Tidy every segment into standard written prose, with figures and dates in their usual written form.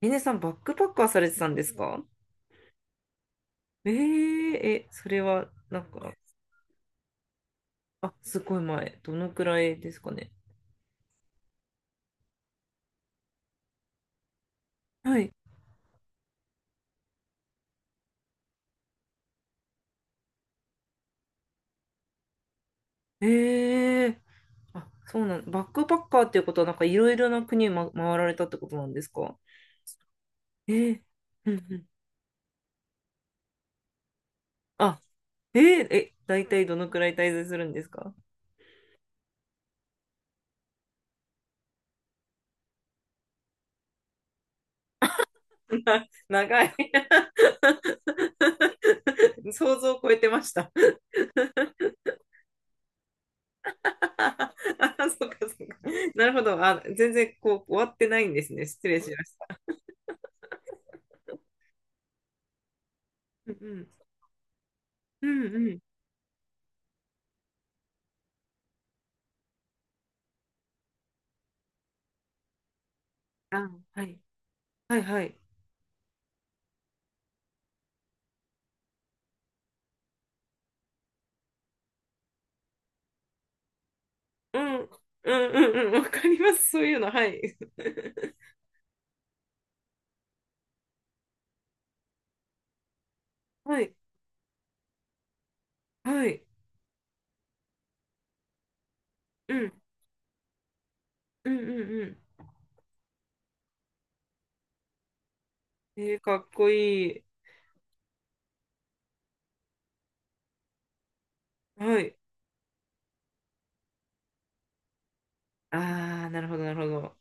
ミネさん、バックパッカーされてたんですか？それは、なんか。あ、すごい前。どのくらいですかね。はい。えー、あ、そうなん、バックパッカーっていうことは、なんかいろいろな国を、ま、回られたってことなんですか？えー、うんうん。あ、えー、大体どのくらい滞在するんですか？ 長い 想像を超えてました。 あ、そうかそうか。なるほど。あ、全然こう終わってないんですね。失礼しました。うんうん。うんうん。あ、はい。はいはい。うん。うんうんうん。わかります。そういうの。はい。はい。はい。うん。うんうんうん。かっこいい。はい。ああ、なるほど、なるほど。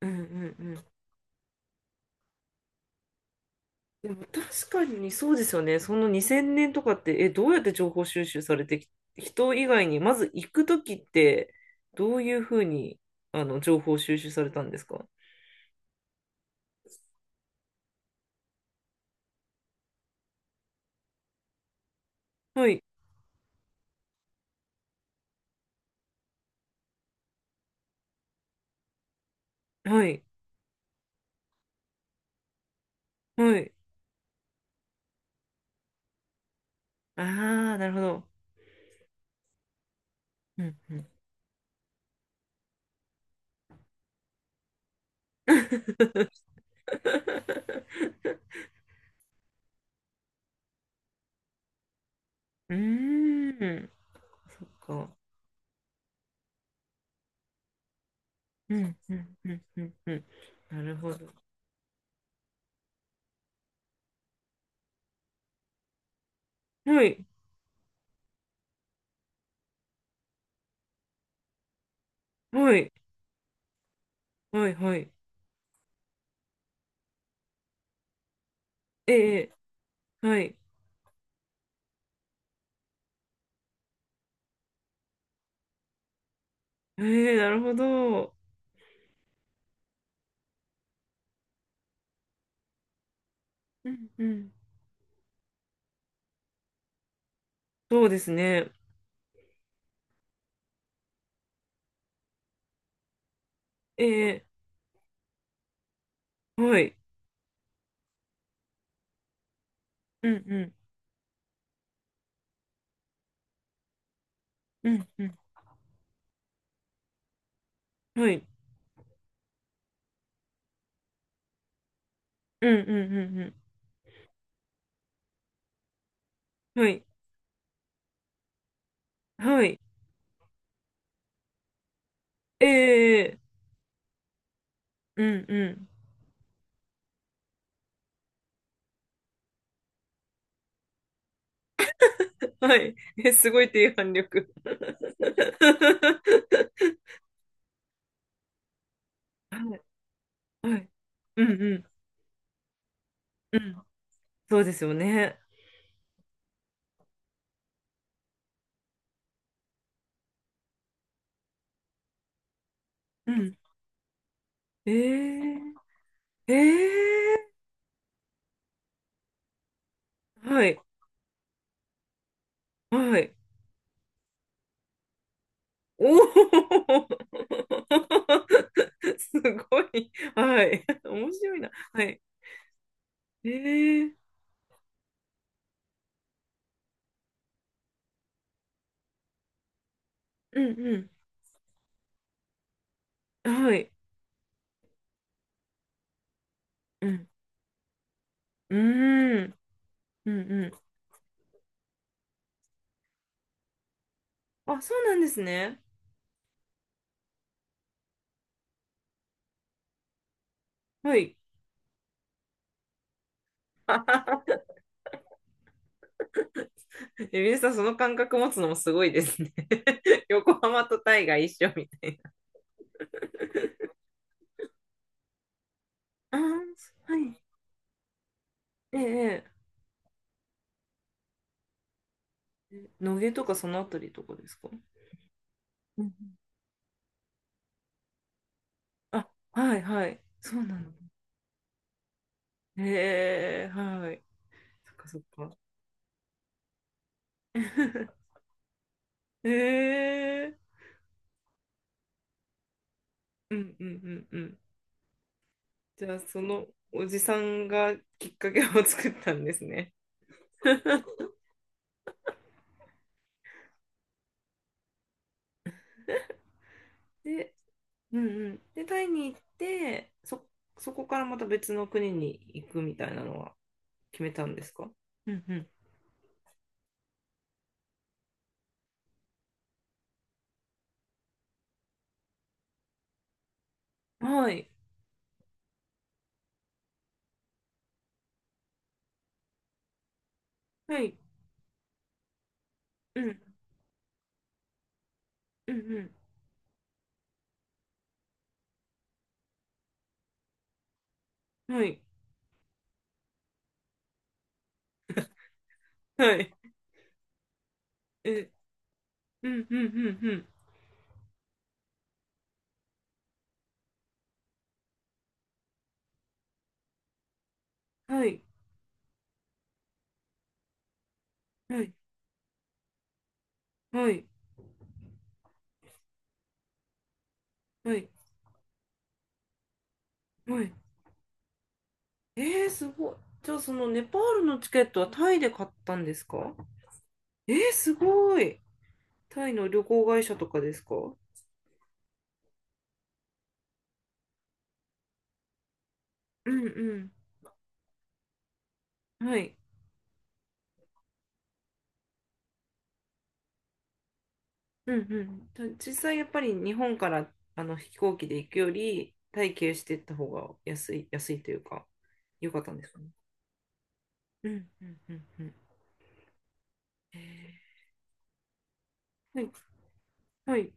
うんうんうん。でも確かにそうですよね。その2000年とかって、どうやって情報収集されてき、人以外に、まず行くときって、どういうふうに、情報収集されたんですか？はい。はい。はい。ああ、なるほど。うんうん うーん、そっか。うん、うん、うん、うん、うん。なるほど。はい、はい、はい、はい。ええ、はい。ええ、なるほど。うん、うん。そうですね。ええ、はい。うん、うん、うん、うん。はい。うん、うん、うん、うん。はい、はい。ええ、うん、うん。はい。すごい低反力。はい、はい。うん、うん、うん。そうですよね。うん。えー、えはい、はい。おお すごい。はい。面白いな。はい。えー、うんうん。はい。うん。うーん。うんうん。あ、そうなんですね。はい。皆さん、その感覚持つのもすごいですね。横浜とタイが一緒みたいな。あー、はい。ええ、ええ野毛とかそのあたりとかですか？うん、あ、はいはい。そうなの。へえ、はい。そっかそっか。へえ、うんうんうんうん。じゃあ、そのおじさんがきっかけを 作ったんですね。で、うんうん。で、タイに行って、そこからまた別の国に行くみたいなのは決めたんですか？うんうん。はい。はい。うん。うんうん。はい。はい。え、うんうんうんうん。はい。はい。はい。はい。はい。すごい。じゃあ、そのネパールのチケットはタイで買ったんですか？すごい。タイの旅行会社とかですか？うんうん。はい。うんうん。実際、やっぱり日本からあの飛行機で行くより、タイ経由していった方が安い、安いというか、良かったんですかね。うんうんうんうん。えはい。はい。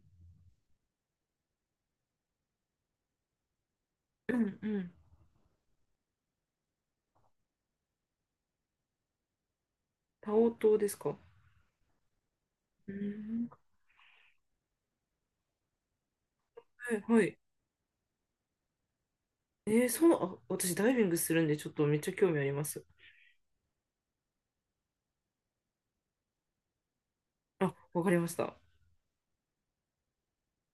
うんうん。タオ島ですか？うん。はいはい。そう、あ、私ダイビングするんで、ちょっとめっちゃ興味あります。あ、わかりました。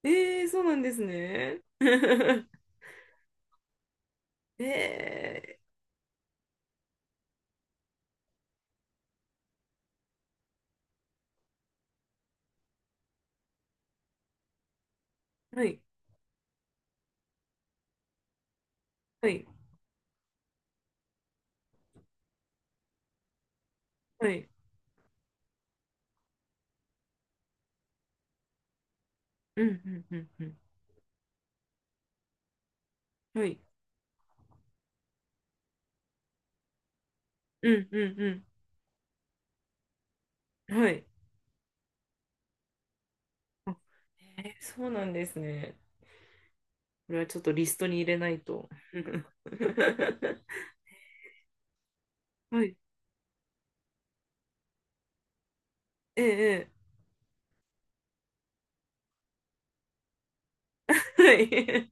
ええ、そうなんですね。ええ、はい、はい、はい。うん、うん、うん、うん。はい、うん、うん、うん。はい。あ、ええ、そうなんですね。これはちょっとリストに入れないと。はい、ええ、ええ、はい。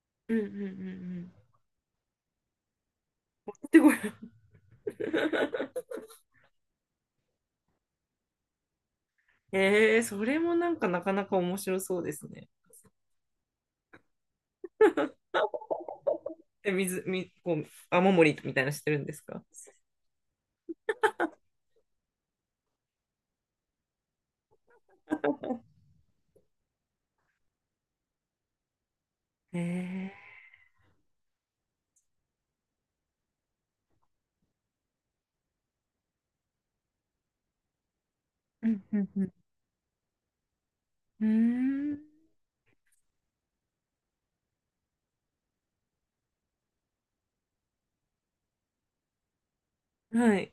うん、うん、うん、うん。で、これ。ええ、それもなんかなかなか面白そうですね。え、こう、雨漏りみたいなのしてるんですか？ええ、うんうんうん。うーん、はい。